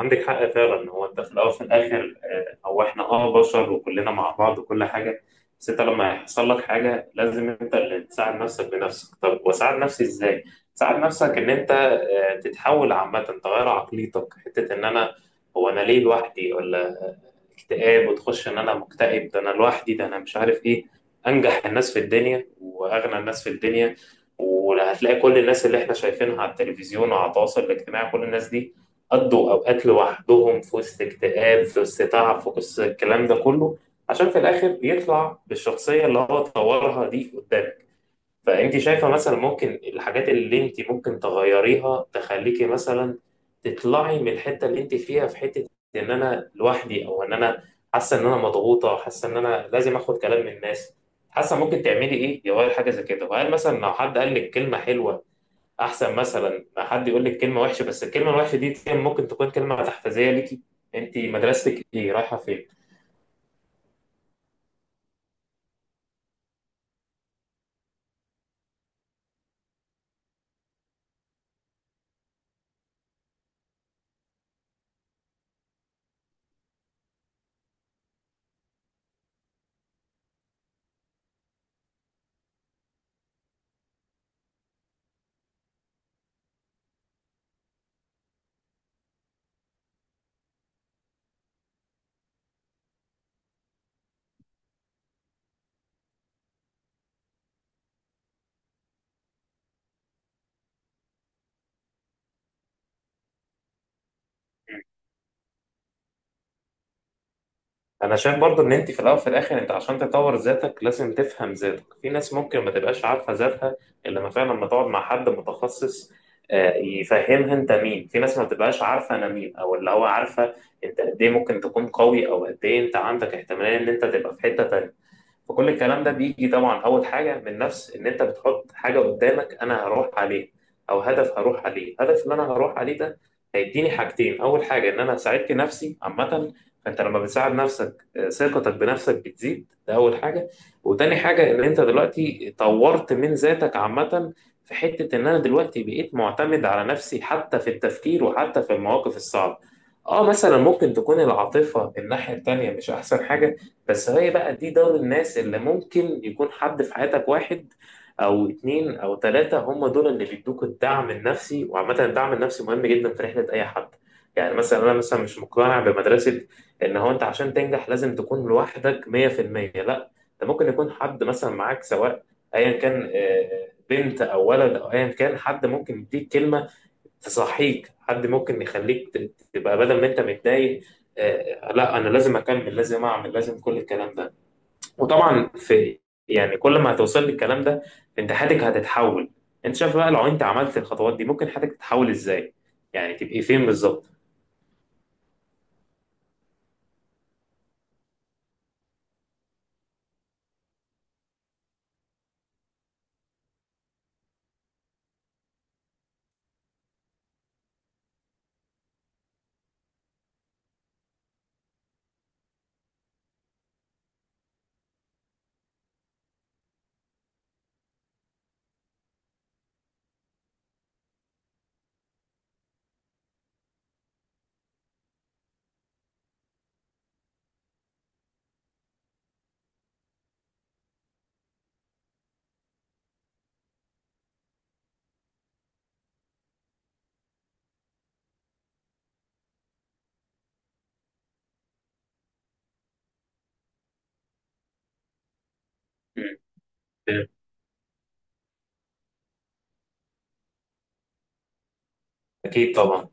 عندك حق فعلا. هو انت في الاول وفي الاخر، هو احنا بشر وكلنا مع بعض وكل حاجه. بس انت لما يحصل لك حاجه لازم انت اللي تساعد نفسك بنفسك. طب واساعد نفسي ازاي؟ تساعد نفسك ان انت تتحول عامه، تغير عقليتك حته ان انا. هو انا ليه لوحدي ولا اكتئاب، وتخش ان انا مكتئب، ده انا لوحدي، ده انا مش عارف ايه. انجح الناس في الدنيا واغنى الناس في الدنيا، وهتلاقي كل الناس اللي احنا شايفينها على التلفزيون وعلى التواصل الاجتماعي، كل الناس دي قضوا أوقات لوحدهم في وسط اكتئاب، في وسط تعب، في وسط الكلام ده كله، عشان في الآخر يطلع بالشخصية اللي هو طورها دي قدامك. فأنت شايفة مثلا ممكن الحاجات اللي أنت ممكن تغيريها تخليكي مثلا تطلعي من الحتة اللي أنت فيها في حتة، إن أنا لوحدي أو إن أنا حاسة إن أنا مضغوطة، حاسة إن أنا لازم آخد كلام من الناس، حاسة ممكن تعملي إيه يغير حاجة زي كده. وهل مثلا لو حد قال لك كلمة حلوة احسن مثلا ما حد يقول لك كلمه وحشه؟ بس الكلمه الوحشه دي ممكن تكون كلمه تحفيزيه ليكي. انت مدرستك ايه؟ رايحه فين؟ انا شايف برضو ان انت في الاول وفي الاخر انت عشان تطور ذاتك لازم تفهم ذاتك. في ناس ممكن ما تبقاش عارفه ذاتها الا لما فعلا لما تقعد مع حد متخصص يفهمها انت مين. في ناس ما بتبقاش عارفه انا مين، او اللي هو عارفه انت قد ايه، ممكن تكون قوي، او قد ايه انت عندك احتماليه ان انت تبقى في حته تانيه. فكل الكلام ده بيجي طبعا اول حاجه من نفس ان انت بتحط حاجه قدامك، انا هروح عليه، او هدف هروح عليه. الهدف اللي انا هروح عليه ده هيديني حاجتين. اول حاجه ان انا ساعدت نفسي عامه. فانت لما بتساعد نفسك ثقتك بنفسك بتزيد، ده اول حاجه. وتاني حاجه ان انت دلوقتي طورت من ذاتك عامه، في حته ان انا دلوقتي بقيت معتمد على نفسي حتى في التفكير وحتى في المواقف الصعبه. اه مثلا ممكن تكون العاطفه الناحيه التانيه مش احسن حاجه. بس هي بقى دي دار الناس اللي ممكن يكون حد في حياتك، واحد او اتنين او تلاتة هم دول اللي بيدوك الدعم النفسي، وعامة الدعم النفسي مهم جدا في رحلة اي حد. يعني مثلا انا مثلا مش مقتنع بمدرسة ان هو انت عشان تنجح لازم تكون لوحدك 100%. لا، ده ممكن يكون حد مثلا معاك، سواء ايا كان بنت او ولد، او ايا كان حد ممكن يديك كلمة تصحيك. حد ممكن يخليك تبقى بدل ما انت متضايق لا انا لازم اكمل، لازم اعمل، لازم كل الكلام ده. وطبعا في، يعني كل ما هتوصل للكلام ده انت حياتك هتتحول. انت شايف بقى لو انت عملت الخطوات دي ممكن حياتك تتحول ازاي؟ يعني تبقي فين بالظبط؟ مم. فاهم. اكيد طبعا.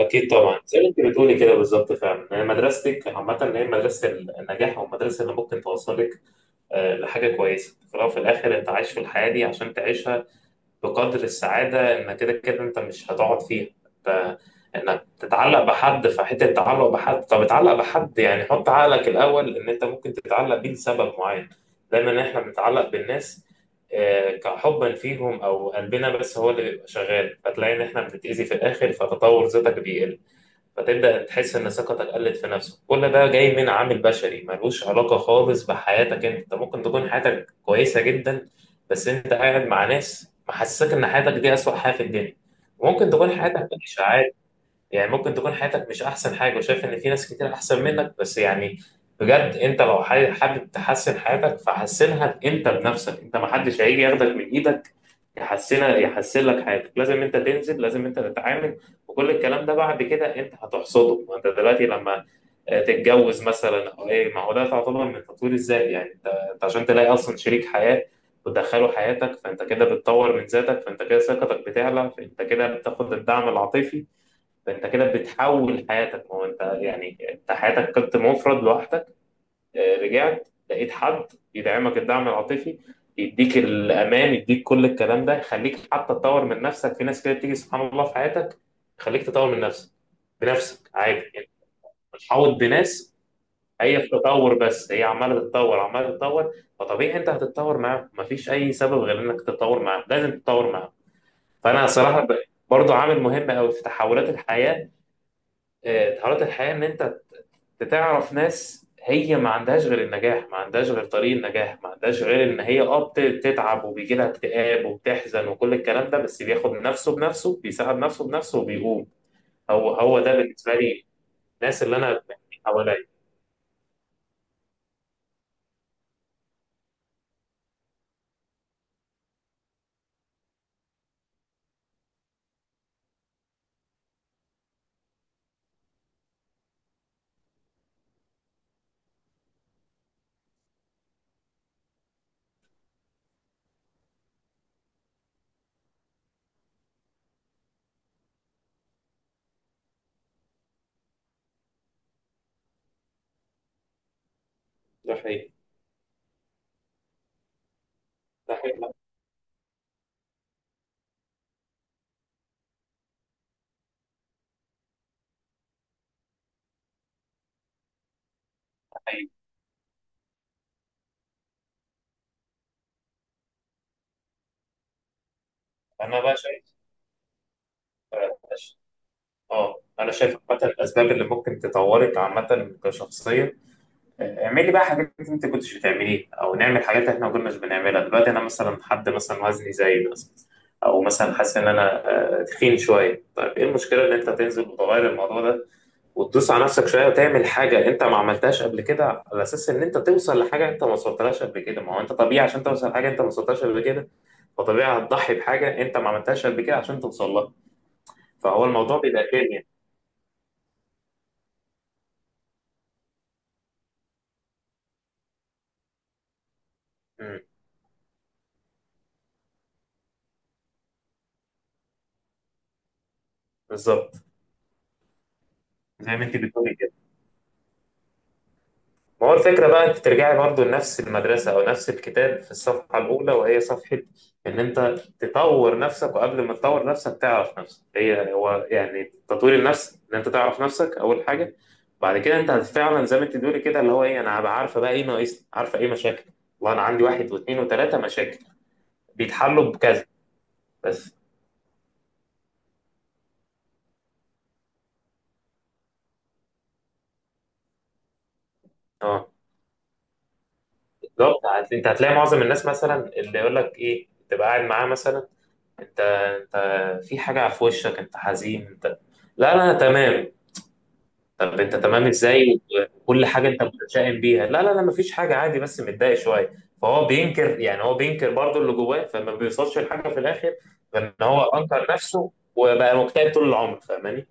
اكيد طبعا، زي ما انت بتقولي كده بالظبط فعلا. يعني مدرستك عامه هي مدرسه النجاح، او المدرسه اللي ممكن توصلك لحاجه كويسه. في الاول وفي الاخر انت عايش في الحياه دي عشان تعيشها بقدر السعادة، إن كده كده أنت مش هتقعد فيها. أنت إنك تتعلق بحد، فحتة التعلق بحد، طب اتعلق بحد. يعني حط عقلك الأول إن أنت ممكن تتعلق بيه لسبب معين. دايما إحنا بنتعلق بالناس كحبا فيهم أو قلبنا بس هو اللي بيبقى شغال، فتلاقي إن إحنا بنتأذي في الآخر، فتطور ذاتك بيقل. فتبدأ تحس إن ثقتك قلت في نفسك. كل ده جاي من عامل بشري ملوش علاقة خالص بحياتك. أنت ممكن تكون حياتك كويسة جدا، بس أنت قاعد مع ناس محسسك إن حياتك دي أسوأ حياة في الدنيا. ممكن تكون حياتك وحشة، يعني ممكن تكون حياتك مش احسن حاجه وشايف ان في ناس كتير احسن منك، بس يعني بجد انت لو حابب تحسن حياتك فحسنها انت بنفسك. انت ما حدش هيجي ياخدك من ايدك يحسنها، يحسن لك حياتك. لازم انت تنزل، لازم انت تتعامل، وكل الكلام ده بعد كده انت هتحصده. ما انت دلوقتي لما تتجوز مثلا او ايه، ما هو ده تعتبر من تطوير الذات يعني انت. انت عشان تلاقي اصلا شريك حياه وتدخله حياتك، فانت كده بتطور من ذاتك، فانت كده ثقتك بتعلى، فانت كده بتاخد الدعم العاطفي. ده انت كده بتحول حياتك. هو انت يعني انت حياتك كنت مفرد لوحدك، رجعت لقيت حد يدعمك، الدعم العاطفي يديك الامان، يديك كل الكلام ده، يخليك حتى تطور من نفسك. في ناس كده بتيجي سبحان الله في حياتك يخليك تطور من نفسك بنفسك عادي يعني، بتحاوط بناس. هي في تطور، بس هي عماله تتطور، عماله تتطور. فطبيعي انت هتتطور معاهم، مفيش اي سبب غير انك تتطور معاهم، لازم تتطور معاهم. فانا صراحه برضو عامل مهم قوي في تحولات الحياه. تحولات الحياه ان انت تعرف ناس هي ما عندهاش غير النجاح، ما عندهاش غير طريق النجاح، ما عندهاش غير ان هي بتتعب وبيجي لها اكتئاب وبتحزن وكل الكلام ده، بس بياخد نفسه بنفسه، بيساعد نفسه بنفسه، وبيقوم. هو هو ده بالنسبه لي، الناس اللي انا يعني حواليا. ده حقيقي. ده حقيقي. ده حقيقي. انا بقى شايف، اه انا شايف عامه الاسباب اللي ممكن تطورك عامه كشخصيه. اعملي بقى حاجات انت كنتش بتعمليها، او نعمل حاجات احنا ما كناش بنعملها دلوقتي. انا مثلا حد مثلا وزني زايد مثلا، او مثلا حاسس ان انا تخين شويه. طيب ايه المشكله ان انت تنزل وتغير الموضوع ده، وتدوس على نفسك شويه، وتعمل حاجه انت ما عملتهاش قبل كده، على اساس ان انت توصل لحاجه انت ما وصلتلهاش قبل كده. ما هو انت طبيعي عشان توصل لحاجه انت ما وصلتهاش قبل كده، فطبيعي هتضحي بحاجه انت ما عملتهاش قبل كده عشان توصل لها. فهو الموضوع بيبقى كيمياء. مم. بالظبط. زي ما انت بتقولي كده. ما هو الفكرة بقى انت ترجعي برضو لنفس المدرسة او نفس الكتاب في الصفحة الاولى، وهي صفحة ان انت تطور نفسك. وقبل ما تطور نفسك تعرف نفسك. هي هو يعني تطوير النفس ان انت تعرف نفسك اول حاجة. بعد كده انت فعلا زي ما انت بتقولي كده اللي هو ايه. انا هبقى عارفة بقى ايه ناقصني، عارفة ايه مشاكل. والله انا عندي واحد واثنين وثلاثة مشاكل بيتحلوا بكذا. بس اه بالظبط. انت هتلاقي معظم الناس مثلا اللي يقول لك ايه تبقى قاعد معاه مثلا، انت في حاجة في وشك، انت حزين انت. لا، لا، انا تمام. طب انت تمام ازاي؟ وكل حاجة انت متشائم بيها. لا، لا، لا، مفيش حاجة عادي، بس متضايق شوية. فهو بينكر، يعني هو بينكر برضه اللي جواه، فما بيوصلش لحاجة في الاخر غير ان هو انكر نفسه وبقى مكتئب طول العمر. فاهماني؟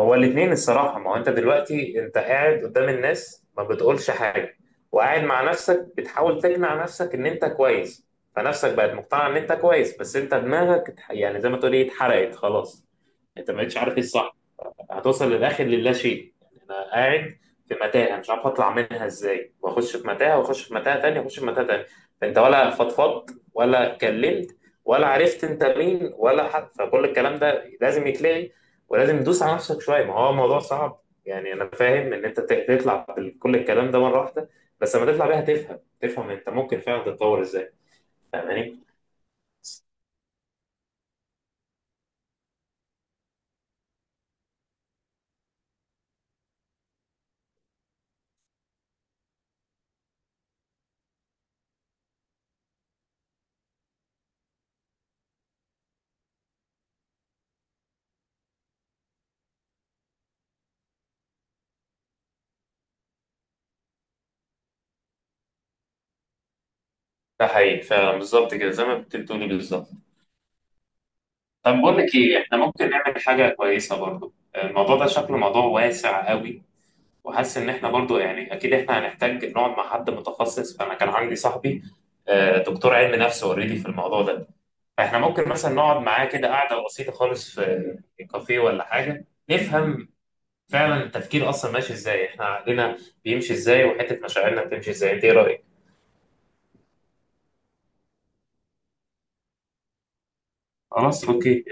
هو الاثنين الصراحة. ما هو انت دلوقتي انت قاعد قدام الناس ما بتقولش حاجة، وقاعد مع نفسك بتحاول تقنع نفسك ان انت كويس. فنفسك بقت مقتنعة ان انت كويس. بس انت دماغك يعني زي ما تقول ايه، اتحرقت خلاص. انت ما بقتش عارف ايه الصح. هتوصل للاخر، للا شيء. يعني انا قاعد في متاهه مش عارف اطلع منها ازاي، واخش في متاهه، واخش في متاهه تانية، واخش في متاهه تانية. فانت ولا فضفضت، ولا اتكلمت، ولا عرفت انت مين ولا حد. فكل الكلام ده لازم يتلغي، ولازم تدوس على نفسك شويه. ما هو الموضوع صعب، يعني انا فاهم ان انت تطلع بكل الكلام ده مره واحده. بس لما تطلع بيها تفهم انت ممكن فعلا تتطور ازاي. فاهماني؟ ده حقيقي فعلا بالظبط كده، زي ما كنت بتقولي بالظبط. طب بقول لك ايه، احنا ممكن نعمل حاجه كويسه برضو. الموضوع ده شكله موضوع واسع قوي، وحاسس ان احنا برضو يعني اكيد احنا هنحتاج نقعد مع حد متخصص. فانا كان عندي صاحبي دكتور علم نفس اوريدي في الموضوع ده. فاحنا ممكن مثلا نقعد معاه كده قعده بسيطه خالص في كافيه ولا حاجه، نفهم فعلا التفكير اصلا ماشي ازاي، احنا عقلنا بيمشي ازاي، وحته مشاعرنا بتمشي ازاي. انت ايه رايك؟ خلاص اوكي.